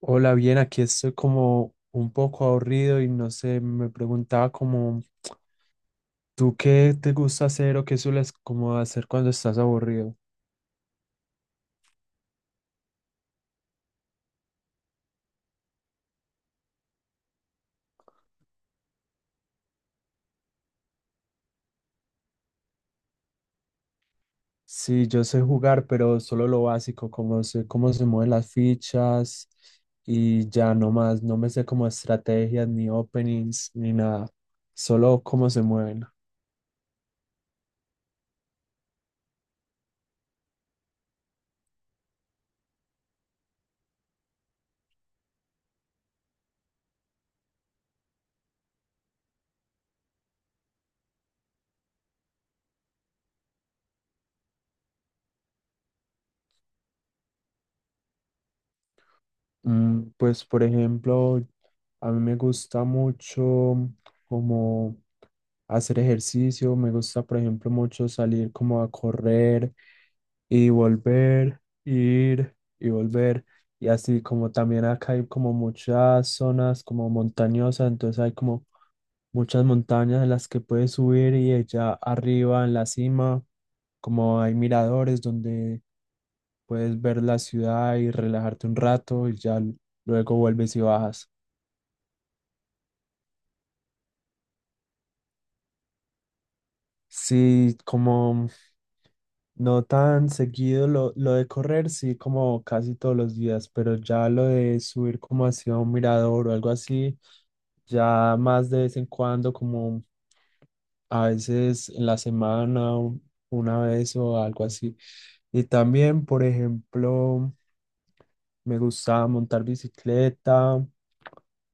Hola, bien, aquí estoy como un poco aburrido y no sé, me preguntaba como, ¿tú qué te gusta hacer o qué sueles como hacer cuando estás aburrido? Sí, yo sé jugar, pero solo lo básico, como sé cómo se mueven las fichas y ya no más, no me sé como estrategias ni openings ni nada, solo cómo se mueven. Pues, por ejemplo, a mí me gusta mucho como hacer ejercicio, me gusta, por ejemplo, mucho salir como a correr y volver, ir y volver. Y así como también acá hay como muchas zonas como montañosas, entonces hay como muchas montañas en las que puedes subir y allá arriba en la cima, como hay miradores donde puedes ver la ciudad y relajarte un rato y ya luego vuelves y bajas. Sí, como no tan seguido lo de correr, sí, como casi todos los días, pero ya lo de subir como hacia un mirador o algo así, ya más de vez en cuando, como a veces en la semana, una vez o algo así. Y también, por ejemplo, me gusta montar bicicleta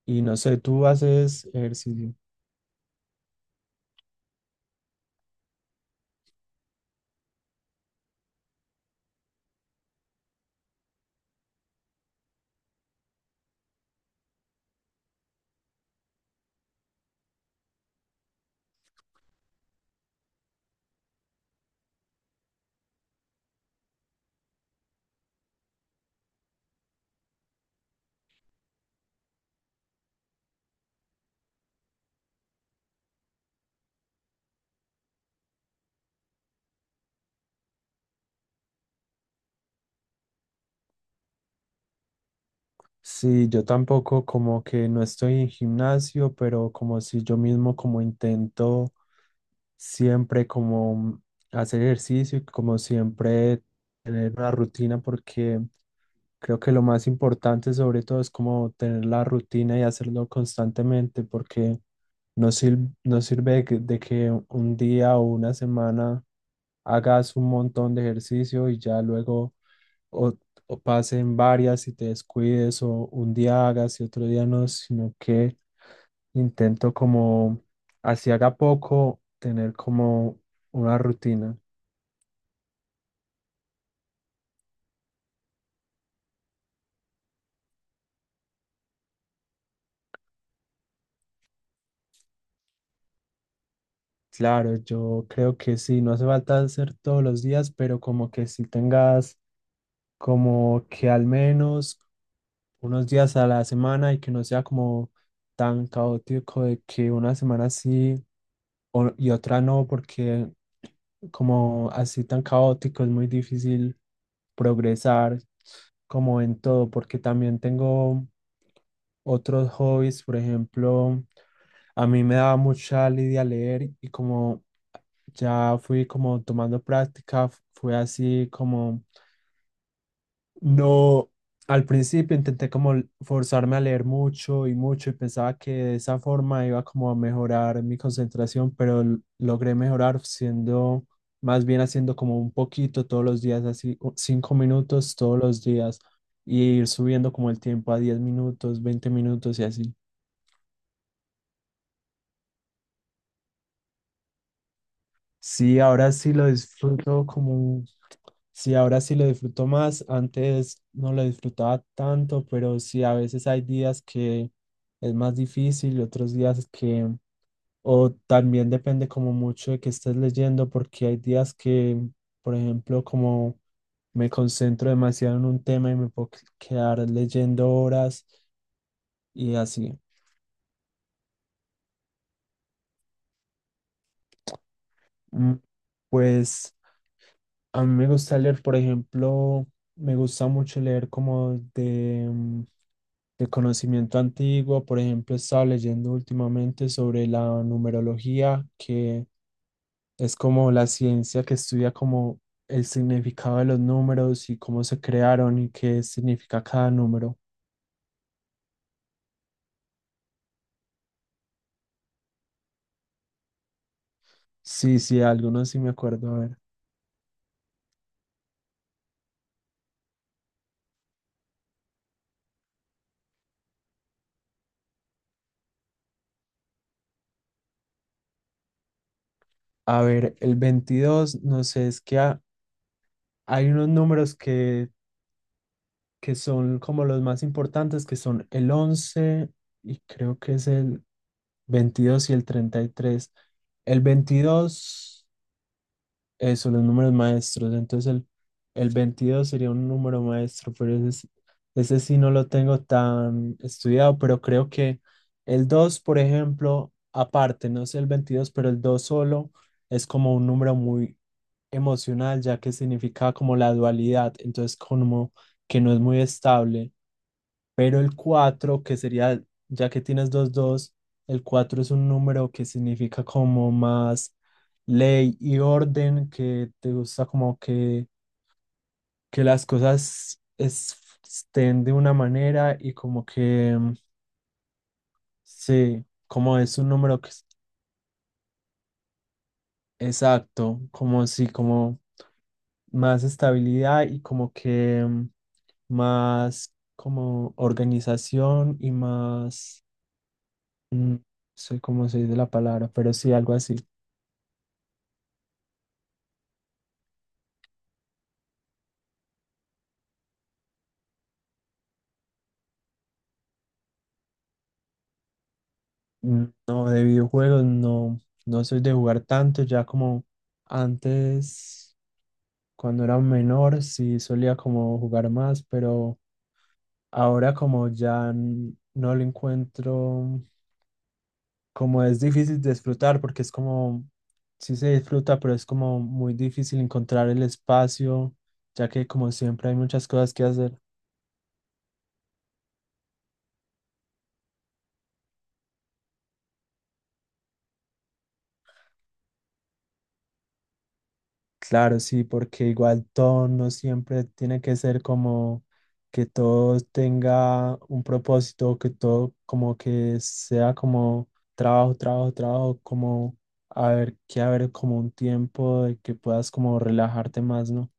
y no sé, tú haces ejercicio. Sí, yo tampoco como que no estoy en gimnasio, pero como si yo mismo como intento siempre como hacer ejercicio y como siempre tener una rutina porque creo que lo más importante sobre todo es como tener la rutina y hacerlo constantemente porque no sirve, no sirve de que un día o una semana hagas un montón de ejercicio y ya luego o, o pasen varias y te descuides o un día hagas y otro día no, sino que intento como, así haga poco, tener como una rutina. Claro, yo creo que sí, no hace falta hacer todos los días, pero como que si tengas como que al menos unos días a la semana y que no sea como tan caótico de que una semana sí o- y otra no, porque como así tan caótico es muy difícil progresar como en todo, porque también tengo otros hobbies, por ejemplo, a mí me daba mucha lidia leer y como ya fui como tomando práctica, fue así como... No, al principio intenté como forzarme a leer mucho y mucho y pensaba que de esa forma iba como a mejorar mi concentración, pero logré mejorar siendo, más bien haciendo como un poquito todos los días, así 5 minutos todos los días y ir subiendo como el tiempo a 10 minutos, 20 minutos y así. Sí, ahora sí lo disfruto como sí, ahora sí lo disfruto más. Antes no lo disfrutaba tanto, pero sí, a veces hay días que es más difícil y otros días que, o también depende como mucho de que estés leyendo, porque hay días que, por ejemplo, como me concentro demasiado en un tema y me puedo quedar leyendo horas y así. Mm, Pues a mí me gusta leer, por ejemplo, me gusta mucho leer como de, de conocimiento antiguo. Por ejemplo, he estado leyendo últimamente sobre la numerología, que es como la ciencia que estudia como el significado de los números y cómo se crearon y qué significa cada número. Sí, sí, algunos sí me acuerdo. A ver, el 22 no sé, es que hay unos números que son como los más importantes, que son el 11 y creo que es el 22 y el 33. El veintidós, los números maestros, entonces el 22 sería un número maestro, pero ese, ese sí no lo tengo tan estudiado, pero creo que el dos, por ejemplo, aparte, no sé el 22, pero el 2 solo es como un número muy emocional, ya que significa como la dualidad, entonces como que no es muy estable. Pero el 4 que sería, ya que tienes dos dos, el 4 es un número que significa como más ley y orden, que te gusta como que las cosas estén de una manera y como que, mm, sí, como es un número que exacto, como sí, como más estabilidad y como que, mm, más como organización y más... Mm, soy como soy de la palabra, pero sí, algo así. Mm, no, de videojuegos no, no soy de jugar tanto, ya como antes, cuando era menor, sí solía como jugar más, pero ahora como ya no lo encuentro, como es difícil disfrutar, porque es como, sí se disfruta, pero es como muy difícil encontrar el espacio, ya que como siempre hay muchas cosas que hacer. Claro, sí, porque igual todo no siempre tiene que ser como que todo tenga un propósito, que todo como que sea como trabajo, trabajo, trabajo, como a ver, que haber como un tiempo de que puedas como relajarte más, ¿no?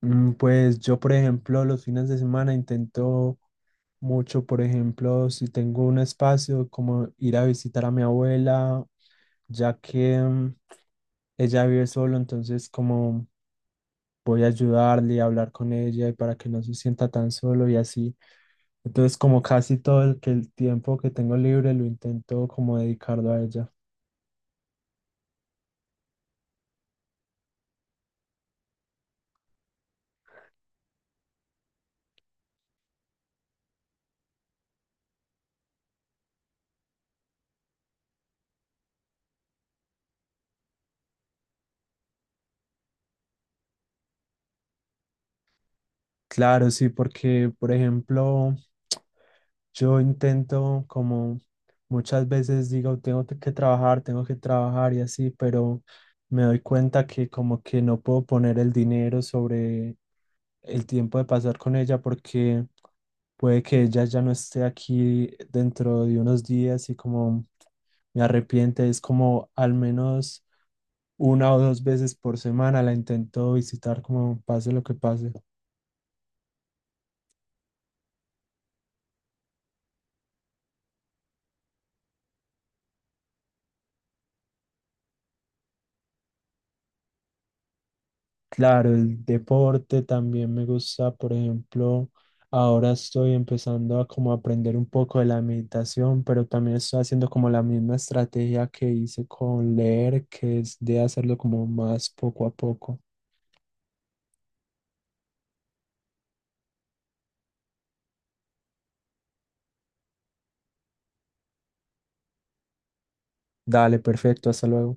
Pues yo, por ejemplo, los fines de semana intento mucho, por ejemplo, si tengo un espacio, como ir a visitar a mi abuela, ya que, ella vive solo, entonces como voy a ayudarle a hablar con ella y para que no se sienta tan solo y así. Entonces, como casi todo el, que el tiempo que tengo libre lo intento como dedicarlo a ella. Claro, sí, porque, por ejemplo, yo intento como muchas veces digo, tengo que trabajar y así, pero me doy cuenta que como que no puedo poner el dinero sobre el tiempo de pasar con ella porque puede que ella ya no esté aquí dentro de unos días y como me arrepiente, es como al menos una o dos veces por semana la intento visitar como pase lo que pase. Claro, el deporte también me gusta, por ejemplo, ahora estoy empezando a como aprender un poco de la meditación, pero también estoy haciendo como la misma estrategia que hice con leer, que es de hacerlo como más poco a poco. Dale, perfecto, hasta luego.